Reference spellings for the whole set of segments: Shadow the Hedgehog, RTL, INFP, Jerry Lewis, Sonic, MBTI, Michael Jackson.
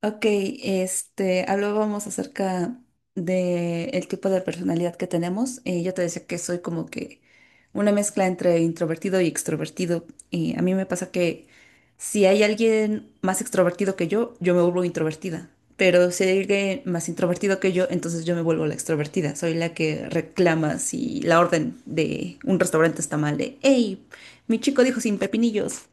Ok, hablábamos acerca de el tipo de personalidad que tenemos. Yo te decía que soy como que una mezcla entre introvertido y extrovertido. Y a mí me pasa que si hay alguien más extrovertido que yo, me vuelvo introvertida. Pero si hay alguien más introvertido que yo, entonces yo me vuelvo la extrovertida. Soy la que reclama si la orden de un restaurante está mal de, hey, mi chico dijo sin pepinillos.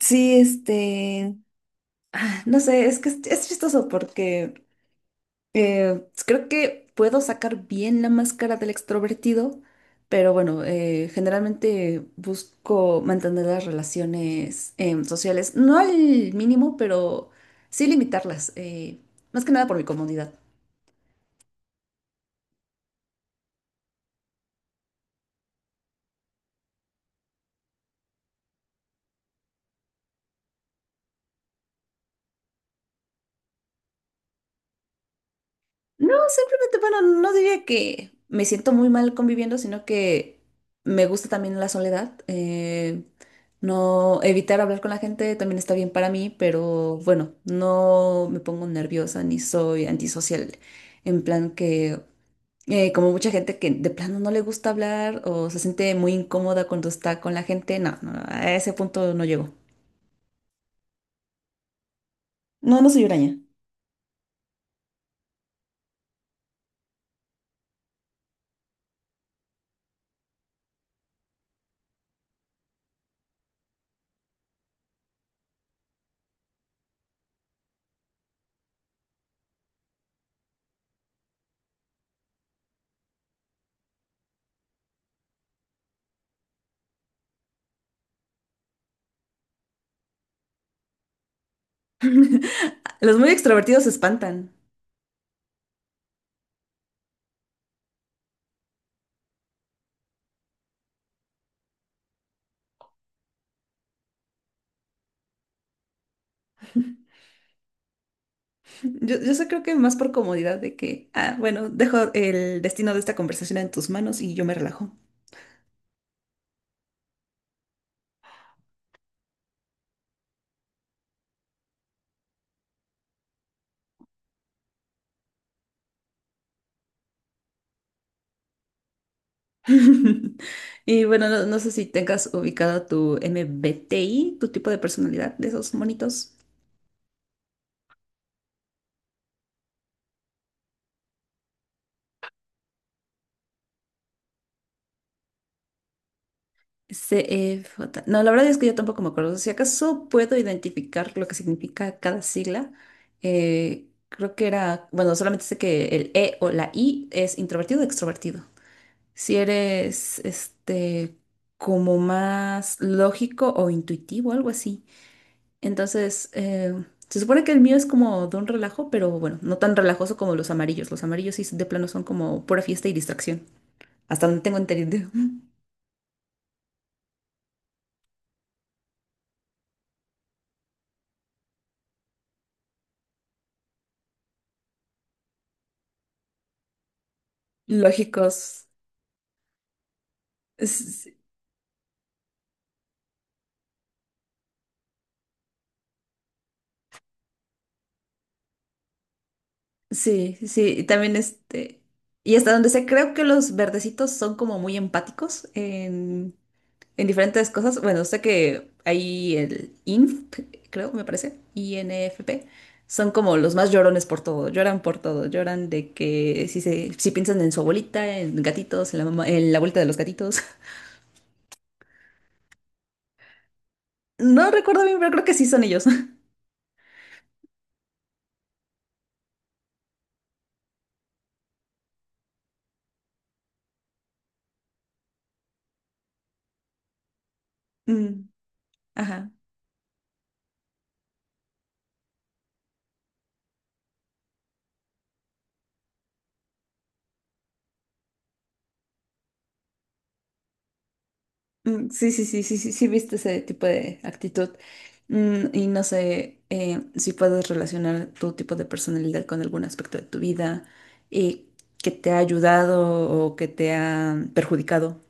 Sí, No sé, es que es chistoso porque creo que puedo sacar bien la máscara del extrovertido, pero bueno, generalmente busco mantener las relaciones sociales, no al mínimo, pero sí limitarlas, más que nada por mi comodidad. No, simplemente, bueno, no diría que me siento muy mal conviviendo, sino que me gusta también la soledad. No evitar hablar con la gente también está bien para mí, pero bueno, no me pongo nerviosa ni soy antisocial. En plan que, como mucha gente que de plano no le gusta hablar o se siente muy incómoda cuando está con la gente, no, no, a ese punto no llego. No, no soy huraña. Los muy extrovertidos se espantan. Yo sé, creo que más por comodidad de que, ah, bueno, dejo el destino de esta conversación en tus manos y yo me relajo. Y bueno, no, no sé si tengas ubicado tu MBTI, tu tipo de personalidad de esos monitos. C CFJ. No, la verdad es que yo tampoco me acuerdo. Si acaso puedo identificar lo que significa cada sigla. Creo que era, bueno, solamente sé que el E o la I es introvertido o extrovertido. Si eres, como más lógico o intuitivo, algo así. Entonces, se supone que el mío es como de un relajo, pero bueno, no tan relajoso como los amarillos. Los amarillos sí de plano son como pura fiesta y distracción. Hasta donde tengo entendido. Lógicos. S- Sí, sí, sí, y también este. Y hasta donde sé, creo que los verdecitos son como muy empáticos en diferentes cosas. Bueno, sé que ahí el INF, creo, me parece, INFP, son como los más llorones por todo, lloran de que si se, si piensan en su abuelita, en gatitos, en la mamá, en la vuelta de los gatitos. No recuerdo bien, pero creo que sí son ellos. Mm, ajá. Mm, sí, sí, sí, sí, sí, sí, viste ese tipo de actitud. Mm, y no sé si puedes relacionar tu tipo de personalidad con algún aspecto de tu vida y que te ha ayudado o que te ha perjudicado.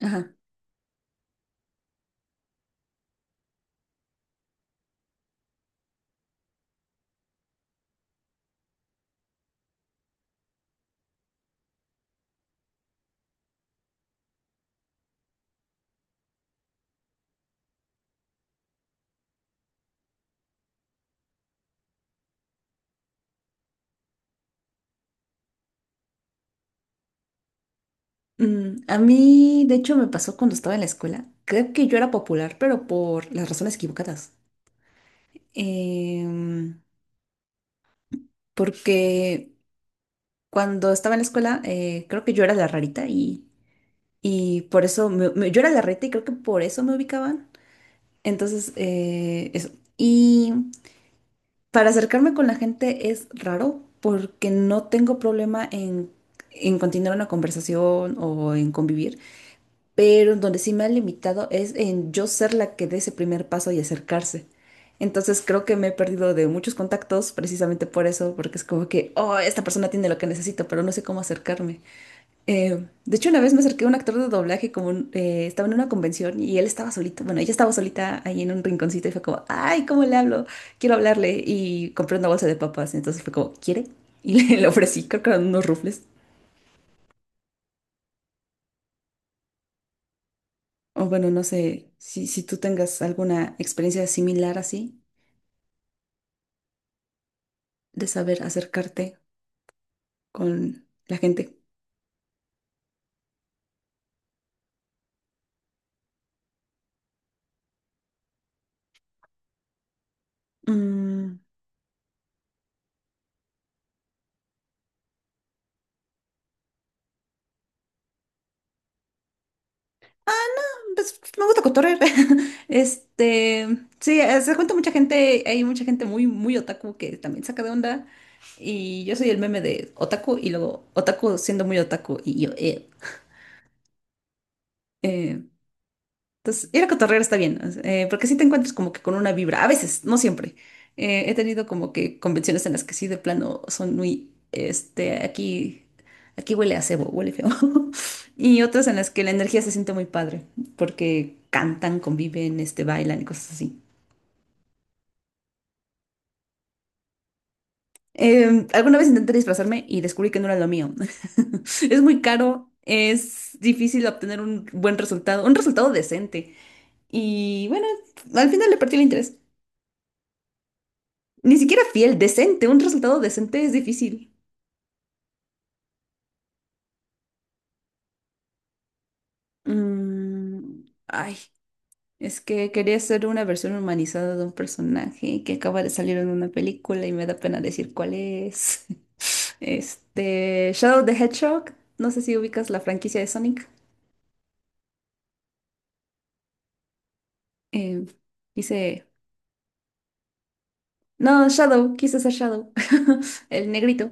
Ajá. Mm, a mí, de hecho, me pasó cuando estaba en la escuela. Creo que yo era popular, pero por las razones equivocadas. Em, Porque cuando estaba en la escuela, creo que yo era la rarita y por eso yo era la rarita y creo que por eso me ubicaban. Entonces, eso. Y para acercarme con la gente es raro porque no tengo problema en continuar una conversación o en convivir, pero donde sí me ha limitado es en yo ser la que dé ese primer paso y acercarse. Entonces creo que me he perdido de muchos contactos precisamente por eso, porque es como que, oh, esta persona tiene lo que necesito, pero no sé cómo acercarme. De hecho, una vez me acerqué a un actor de doblaje, como estaba en una convención y él estaba solito. Bueno, ella estaba solita ahí en un rinconcito y fue como, ay, ¿cómo le hablo? Quiero hablarle. Y compré una bolsa de papas. Entonces fue como, ¿quiere? Y le ofrecí, creo que eran unos rufles. O bueno, no sé si, si tú tengas alguna experiencia similar así de saber acercarte con la gente. Mm. Pues, me gusta cotorrear. Este, sí, se cuenta mucha gente, hay mucha gente muy, muy otaku que también saca de onda. Y yo soy el meme de otaku y luego otaku siendo muy otaku. Y yo, eh, entonces, ir a cotorrear está bien, porque si te encuentras como que con una vibra, a veces, no siempre. He tenido como que convenciones en las que sí, de plano, son muy, este, aquí, aquí huele a cebo, huele feo. Y otras en las que la energía se siente muy padre, porque cantan, conviven, este, bailan y cosas así. Alguna vez intenté disfrazarme y descubrí que no era lo mío. Es muy caro, es difícil obtener un buen resultado, un resultado decente. Y bueno, al final le perdí el interés. Ni siquiera fiel, decente. Un resultado decente es difícil. Mm, ay, es que quería hacer una versión humanizada de un personaje que acaba de salir en una película y me da pena decir cuál es. Este, Shadow the Hedgehog. No sé si ubicas la franquicia de Sonic. Eh, Quise... No, Shadow, quise ser Shadow. El negrito.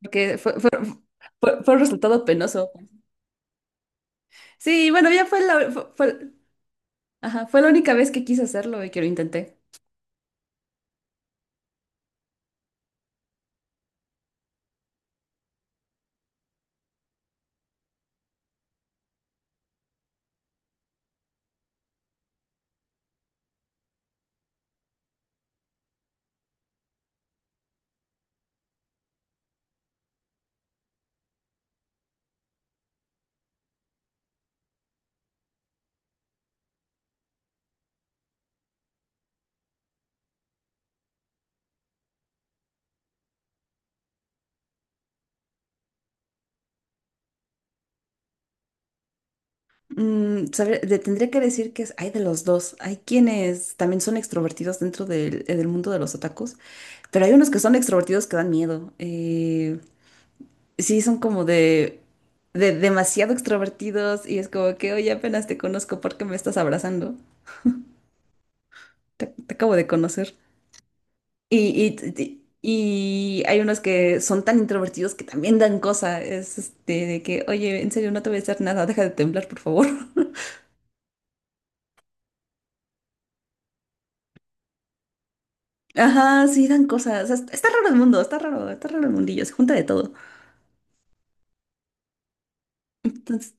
Porque fue un resultado penoso. Sí, bueno, ya fue la, ajá, fue la única vez que quise hacerlo y que lo intenté. Mm, le tendría que decir que es, hay de los dos. Hay quienes también son extrovertidos dentro del, del mundo de los otakus, pero hay unos que son extrovertidos que dan miedo. Sí, son como de demasiado extrovertidos y es como que, oye, apenas te conozco porque me estás abrazando. Te acabo de conocer. Y, y, y- y hay unos que son tan introvertidos que también dan cosa. Es este, de que, oye, en serio, no te voy a hacer nada, deja de temblar, por favor. Ajá, sí, dan cosas. Está raro el mundo, está raro el mundillo, se junta de todo. Entonces,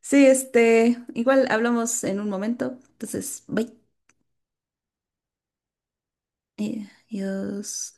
sí, este, igual hablamos en un momento. Entonces, bye. Eh, Adiós.